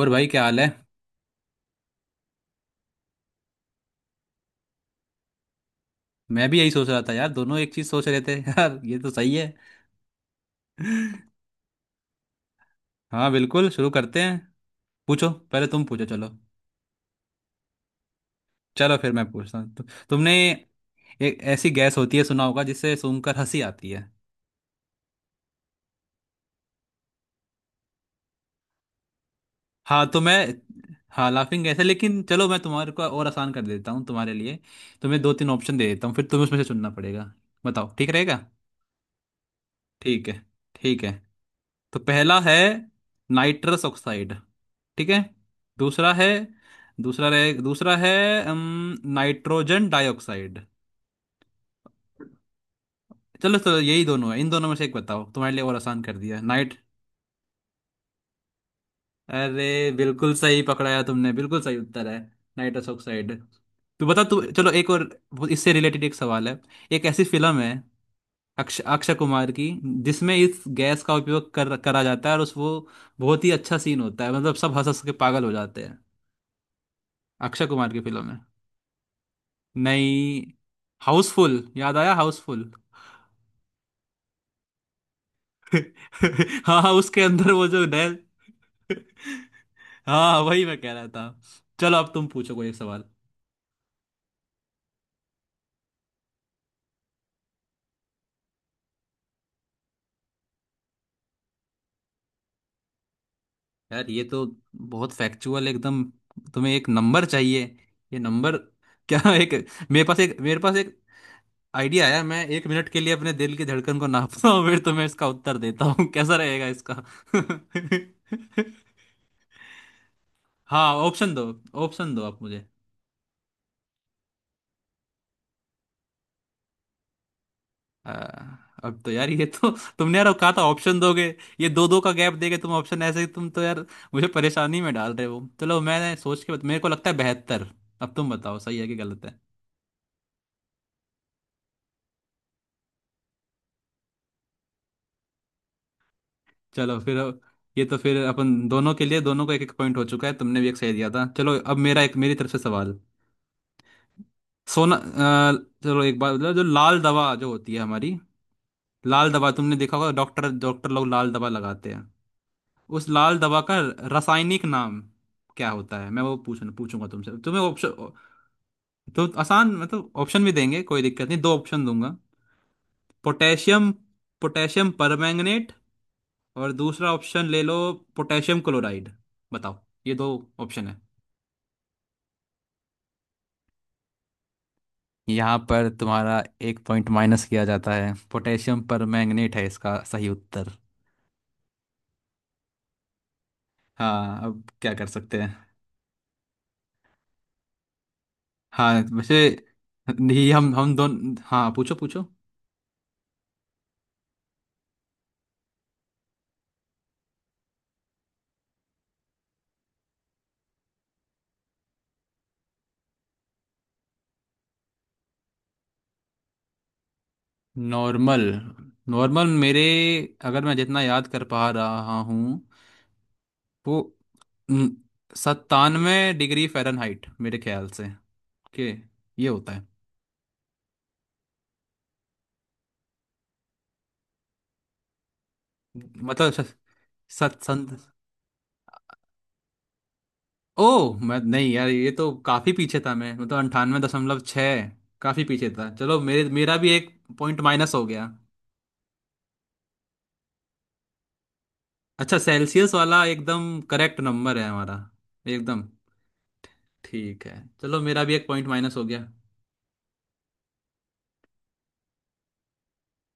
और भाई क्या हाल है। मैं भी यही सोच रहा था यार, दोनों एक चीज सोच रहे थे। यार ये तो सही है। हाँ बिल्कुल शुरू करते हैं। पूछो, पहले तुम पूछो, चलो। चलो फिर मैं पूछता हूँ, तुमने, एक ऐसी गैस होती है, सुना होगा, जिससे सूंघकर हंसी आती है। हाँ तो मैं हाँ लाफिंग गैस है, लेकिन चलो मैं तुम्हारे को और आसान कर देता हूँ तुम्हारे लिए। तुम्हें दो तीन ऑप्शन दे देता हूँ, फिर तुम्हें उसमें से चुनना पड़ेगा। बताओ, ठीक रहेगा। ठीक है। ठीक है। तो पहला है नाइट्रस ऑक्साइड। ठीक है। दूसरा है, दूसरा रहे दूसरा है अम, नाइट्रोजन डाइऑक्साइड। चलो चलो, यही दोनों है, इन दोनों में से एक बताओ, तुम्हारे लिए और आसान कर दिया, नाइट। अरे बिल्कुल सही पकड़ाया तुमने, बिल्कुल सही उत्तर है नाइट्रस ऑक्साइड। तू बता, तू, चलो एक और। वो इससे रिलेटेड एक सवाल है। एक ऐसी फिल्म है, अक्षय कुमार की, जिसमें इस गैस का उपयोग कर करा जाता है, और उस वो बहुत ही अच्छा सीन होता है, मतलब सब हंस हंस के पागल हो जाते हैं। अक्षय कुमार की फिल्म है। नहीं। हाउसफुल याद आया, हाउसफुल। हाँ हाँ, उसके अंदर वो जो नैल। हाँ वही मैं कह रहा था। चलो अब तुम पूछो कोई एक सवाल। यार ये तो बहुत फैक्चुअल एकदम। तुम्हें एक नंबर चाहिए, ये नंबर? क्या। एक, मेरे पास एक आइडिया आया, मैं एक मिनट के लिए अपने दिल की धड़कन को नापता हूँ, फिर तुम्हें इसका उत्तर देता हूँ। कैसा रहेगा इसका? हाँ ऑप्शन दो, ऑप्शन दो आप मुझे। आ, अब तो यार ये तो तुमने यार, कहा था ऑप्शन दोगे, ये दो दो का गैप देके तुम ऑप्शन, ऐसे ही तुम, तो यार मुझे परेशानी में डाल रहे हो। चलो मैं सोच के, मेरे को लगता है बेहतर। अब तुम बताओ सही है कि गलत। चलो फिर, ये तो फिर अपन दोनों के लिए, दोनों को एक एक पॉइंट हो चुका है, तुमने भी एक सही दिया था। चलो अब मेरा एक, मेरी तरफ से सवाल। सोना, चलो एक बात बताओ, जो लाल दवा जो होती है हमारी, लाल दवा तुमने देखा होगा, डॉक्टर डॉक्टर लोग लाल दवा लगाते हैं। उस लाल दवा का रासायनिक नाम क्या होता है, मैं वो पूछना पूछूंगा तुमसे, तुम्हें ऑप्शन तो आसान, मतलब ऑप्शन भी देंगे, कोई दिक्कत नहीं, दो ऑप्शन दूंगा। पोटेशियम पोटेशियम परमैंगनेट, और दूसरा ऑप्शन ले लो, पोटेशियम क्लोराइड। बताओ, ये दो ऑप्शन है। यहाँ पर तुम्हारा एक पॉइंट माइनस किया जाता है, पोटेशियम परमैंगनेट है इसका सही उत्तर। हाँ अब क्या कर सकते हैं। हाँ वैसे, नहीं, हम दोनों, हाँ पूछो पूछो। नॉर्मल, नॉर्मल मेरे अगर मैं जितना याद कर पा रहा हूँ, वो 97 डिग्री फ़ारेनहाइट मेरे ख्याल से के ये होता है। मतलब सत सत, ओह, मैं नहीं यार, ये तो काफी पीछे था मैं, मतलब 98.6, काफी पीछे था। चलो मेरे मेरा भी एक पॉइंट माइनस हो गया। अच्छा सेल्सियस वाला एकदम करेक्ट नंबर है हमारा, एकदम। ठीक है, चलो मेरा भी एक पॉइंट माइनस हो गया।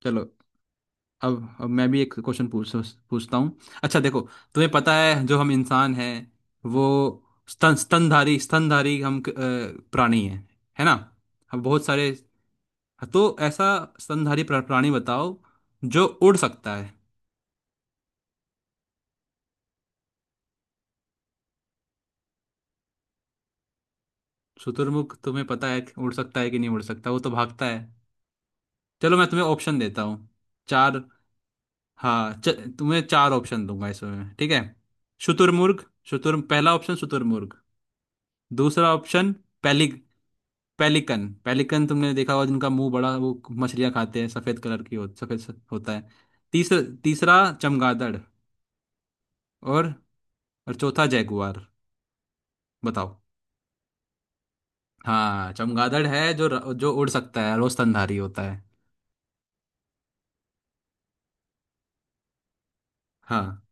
चलो, अब मैं भी एक क्वेश्चन पूछता हूँ। अच्छा देखो, तुम्हें पता है जो हम इंसान हैं वो स्तनधारी हम, प्राणी हैं, है ना। हम बहुत सारे, तो ऐसा स्तनधारी प्राणी बताओ जो उड़ सकता है। शुतुरमुर्ग? तुम्हें पता है कि उड़ सकता है कि नहीं उड़ सकता, वो तो भागता है। चलो मैं तुम्हें ऑप्शन देता हूँ, चार। हाँ, तुम्हें चार ऑप्शन दूंगा इसमें, ठीक है। शुतुरमुर्ग, शुतुर पहला ऑप्शन शुतुरमुर्ग। दूसरा ऑप्शन, पेलिक पेलिकन, तुमने देखा होगा, जिनका मुंह बड़ा, वो मछलियां खाते हैं, सफेद कलर की हो, सफेद होता है। तीसरा तीसरा चमगादड़, और चौथा जैगुआर। बताओ। हाँ चमगादड़ है जो जो उड़ सकता है, रोज स्तनधारी होता है। हाँ,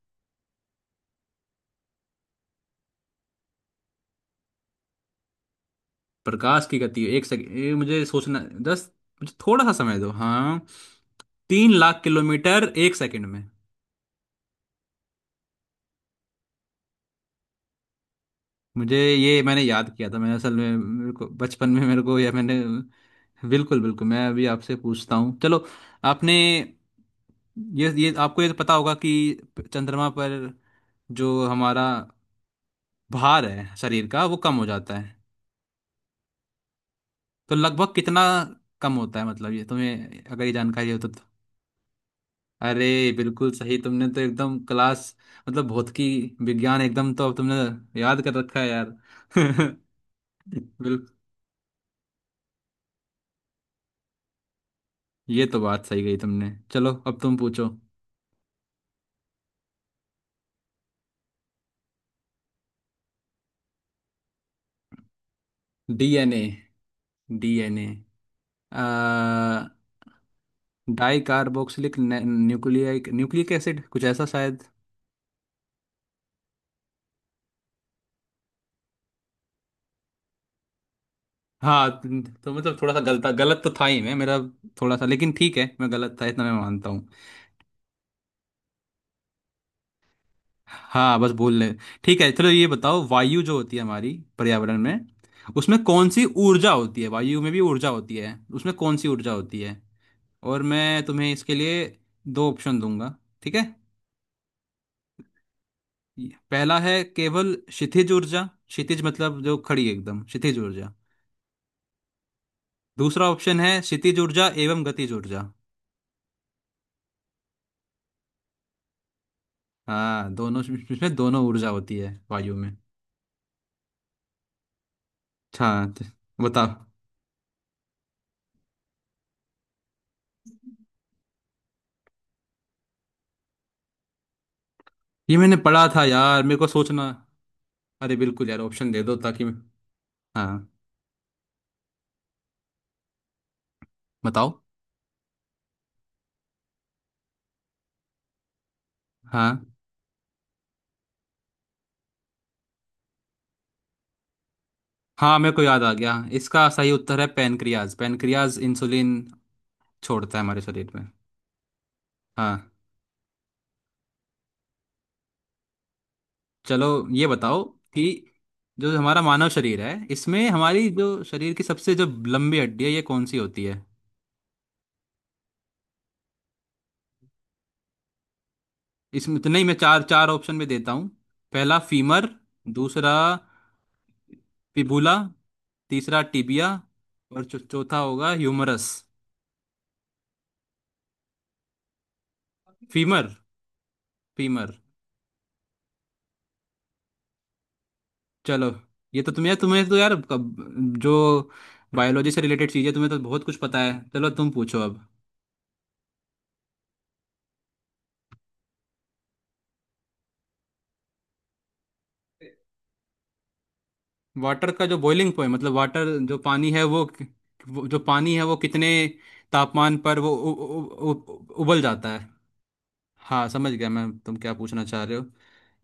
प्रकाश की गति एक सेकंड, ये मुझे सोचना। दस, मुझे थोड़ा सा समय दो। हाँ, 3 लाख किलोमीटर एक सेकंड में। मुझे ये मैंने याद किया था, मैंने असल में मेरे को बचपन में मेरे को, या मैंने। बिल्कुल बिल्कुल, मैं अभी आपसे पूछता हूँ, चलो। आपने, ये आपको ये तो पता होगा कि चंद्रमा पर जो हमारा भार है शरीर का, वो कम हो जाता है। तो लगभग कितना कम होता है, मतलब ये तुम्हें अगर ये जानकारी हो तो। अरे बिल्कुल सही तुमने, तो एकदम क्लास, मतलब भौतिकी विज्ञान एकदम, तो अब तुमने याद कर रखा है यार। बिल्कुल। ये तो बात सही गई तुमने, चलो अब तुम पूछो। डीएनए, डीएनए आ di carboxylic nucleic nucleic acid, कुछ ऐसा शायद। हाँ तो मतलब थोड़ा सा गलत तो था ही, मैं मेरा थोड़ा सा, लेकिन ठीक है, मैं गलत था इतना मैं मानता। हाँ बस बोल ले। ठीक है, चलो ये बताओ, वायु जो होती है हमारी पर्यावरण में, उसमें कौन सी ऊर्जा होती है, वायु में भी ऊर्जा होती है, उसमें कौन सी ऊर्जा होती है, और मैं तुम्हें इसके लिए दो ऑप्शन दूंगा, ठीक है। पहला है केवल क्षितिज ऊर्जा, क्षितिज मतलब जो खड़ी है एकदम, क्षितिज ऊर्जा। दूसरा ऑप्शन है क्षितिज ऊर्जा एवं गतिज ऊर्जा। हाँ दोनों। इसमें दोनों ऊर्जा होती है वायु में। अच्छा, तो बताओ। ये मैंने पढ़ा था यार, मेरे को सोचना। अरे बिल्कुल यार, ऑप्शन दे दो ताकि मैं। हाँ, बताओ। हाँ हाँ मेरे को याद आ गया, इसका सही उत्तर है पैनक्रियाज, पैनक्रियाज इंसुलिन छोड़ता है हमारे शरीर में। हाँ। चलो ये बताओ, कि जो हमारा मानव शरीर है, इसमें हमारी जो शरीर की सबसे जो लंबी हड्डी है, ये कौन सी होती है। इसमें तो नहीं, मैं चार चार ऑप्शन में देता हूँ। पहला फीमर, दूसरा फिबुला, तीसरा टिबिया, और चौथा होगा ह्यूमरस। फीमर फीमर, चलो, ये तो तुम यार, तुम्हें तो यार कब जो बायोलॉजी से रिलेटेड चीज़ें, तुम्हें तो बहुत कुछ पता है, चलो तुम पूछो अब। वाटर का जो बॉइलिंग पॉइंट, मतलब वाटर जो पानी है वो, जो पानी है वो कितने तापमान पर वो उ, उ, उ, उ, उबल जाता है। हाँ समझ गया मैं, तुम क्या पूछना चाह रहे हो।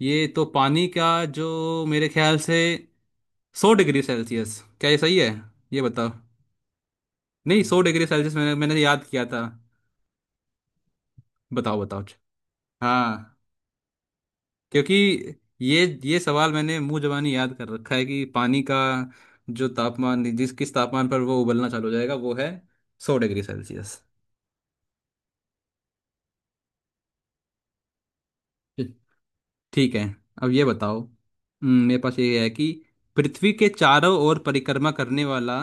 ये तो पानी का जो, मेरे ख्याल से 100 डिग्री सेल्सियस, क्या ये सही है? ये बताओ, नहीं 100 डिग्री सेल्सियस मैंने मैंने याद किया था। बताओ, बताओ। हाँ, क्योंकि ये सवाल मैंने मुंह जबानी याद कर रखा है कि पानी का जो तापमान, जिस किस तापमान पर वो उबलना चालू हो जाएगा, वो है 100 डिग्री सेल्सियस। ठीक है, अब ये बताओ, मेरे पास ये है कि, पृथ्वी के चारों ओर परिक्रमा करने वाला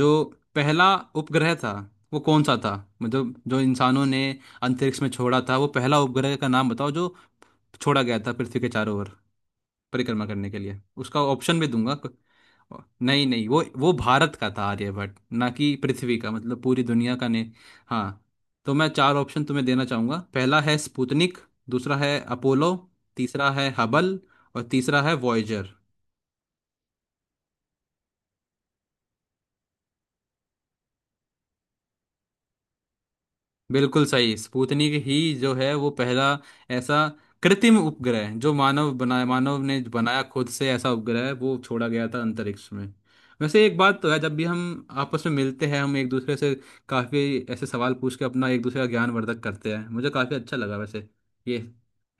जो पहला उपग्रह था, वो कौन सा था, मतलब जो इंसानों ने अंतरिक्ष में छोड़ा था, वो पहला उपग्रह का नाम बताओ जो छोड़ा गया था पृथ्वी के चारों ओर परिक्रमा करने के लिए, उसका ऑप्शन भी दूंगा, नहीं नहीं, वो वो भारत का था आर्यभट्ट, ना कि पृथ्वी का, मतलब पूरी दुनिया का नहीं। हाँ तो मैं चार ऑप्शन तुम्हें देना चाहूंगा, पहला है स्पुतनिक, दूसरा है अपोलो, तीसरा है हबल, और तीसरा है वॉयजर। बिल्कुल सही, स्पुतनिक ही जो है वो पहला ऐसा कृत्रिम उपग्रह है, जो मानव बनाया, मानव ने बनाया खुद से, ऐसा उपग्रह वो छोड़ा गया था अंतरिक्ष में। वैसे एक बात तो है, जब भी हम आपस में मिलते हैं, हम एक दूसरे से काफी ऐसे सवाल पूछ के अपना एक दूसरे का ज्ञानवर्धक करते हैं, मुझे काफी अच्छा लगा वैसे। ये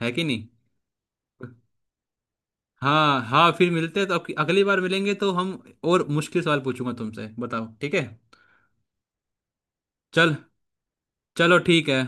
है कि नहीं। हाँ हाँ, फिर मिलते हैं तो, अब अगली बार मिलेंगे तो हम और मुश्किल सवाल पूछूंगा तुमसे, बताओ ठीक है। चल चलो ठीक है।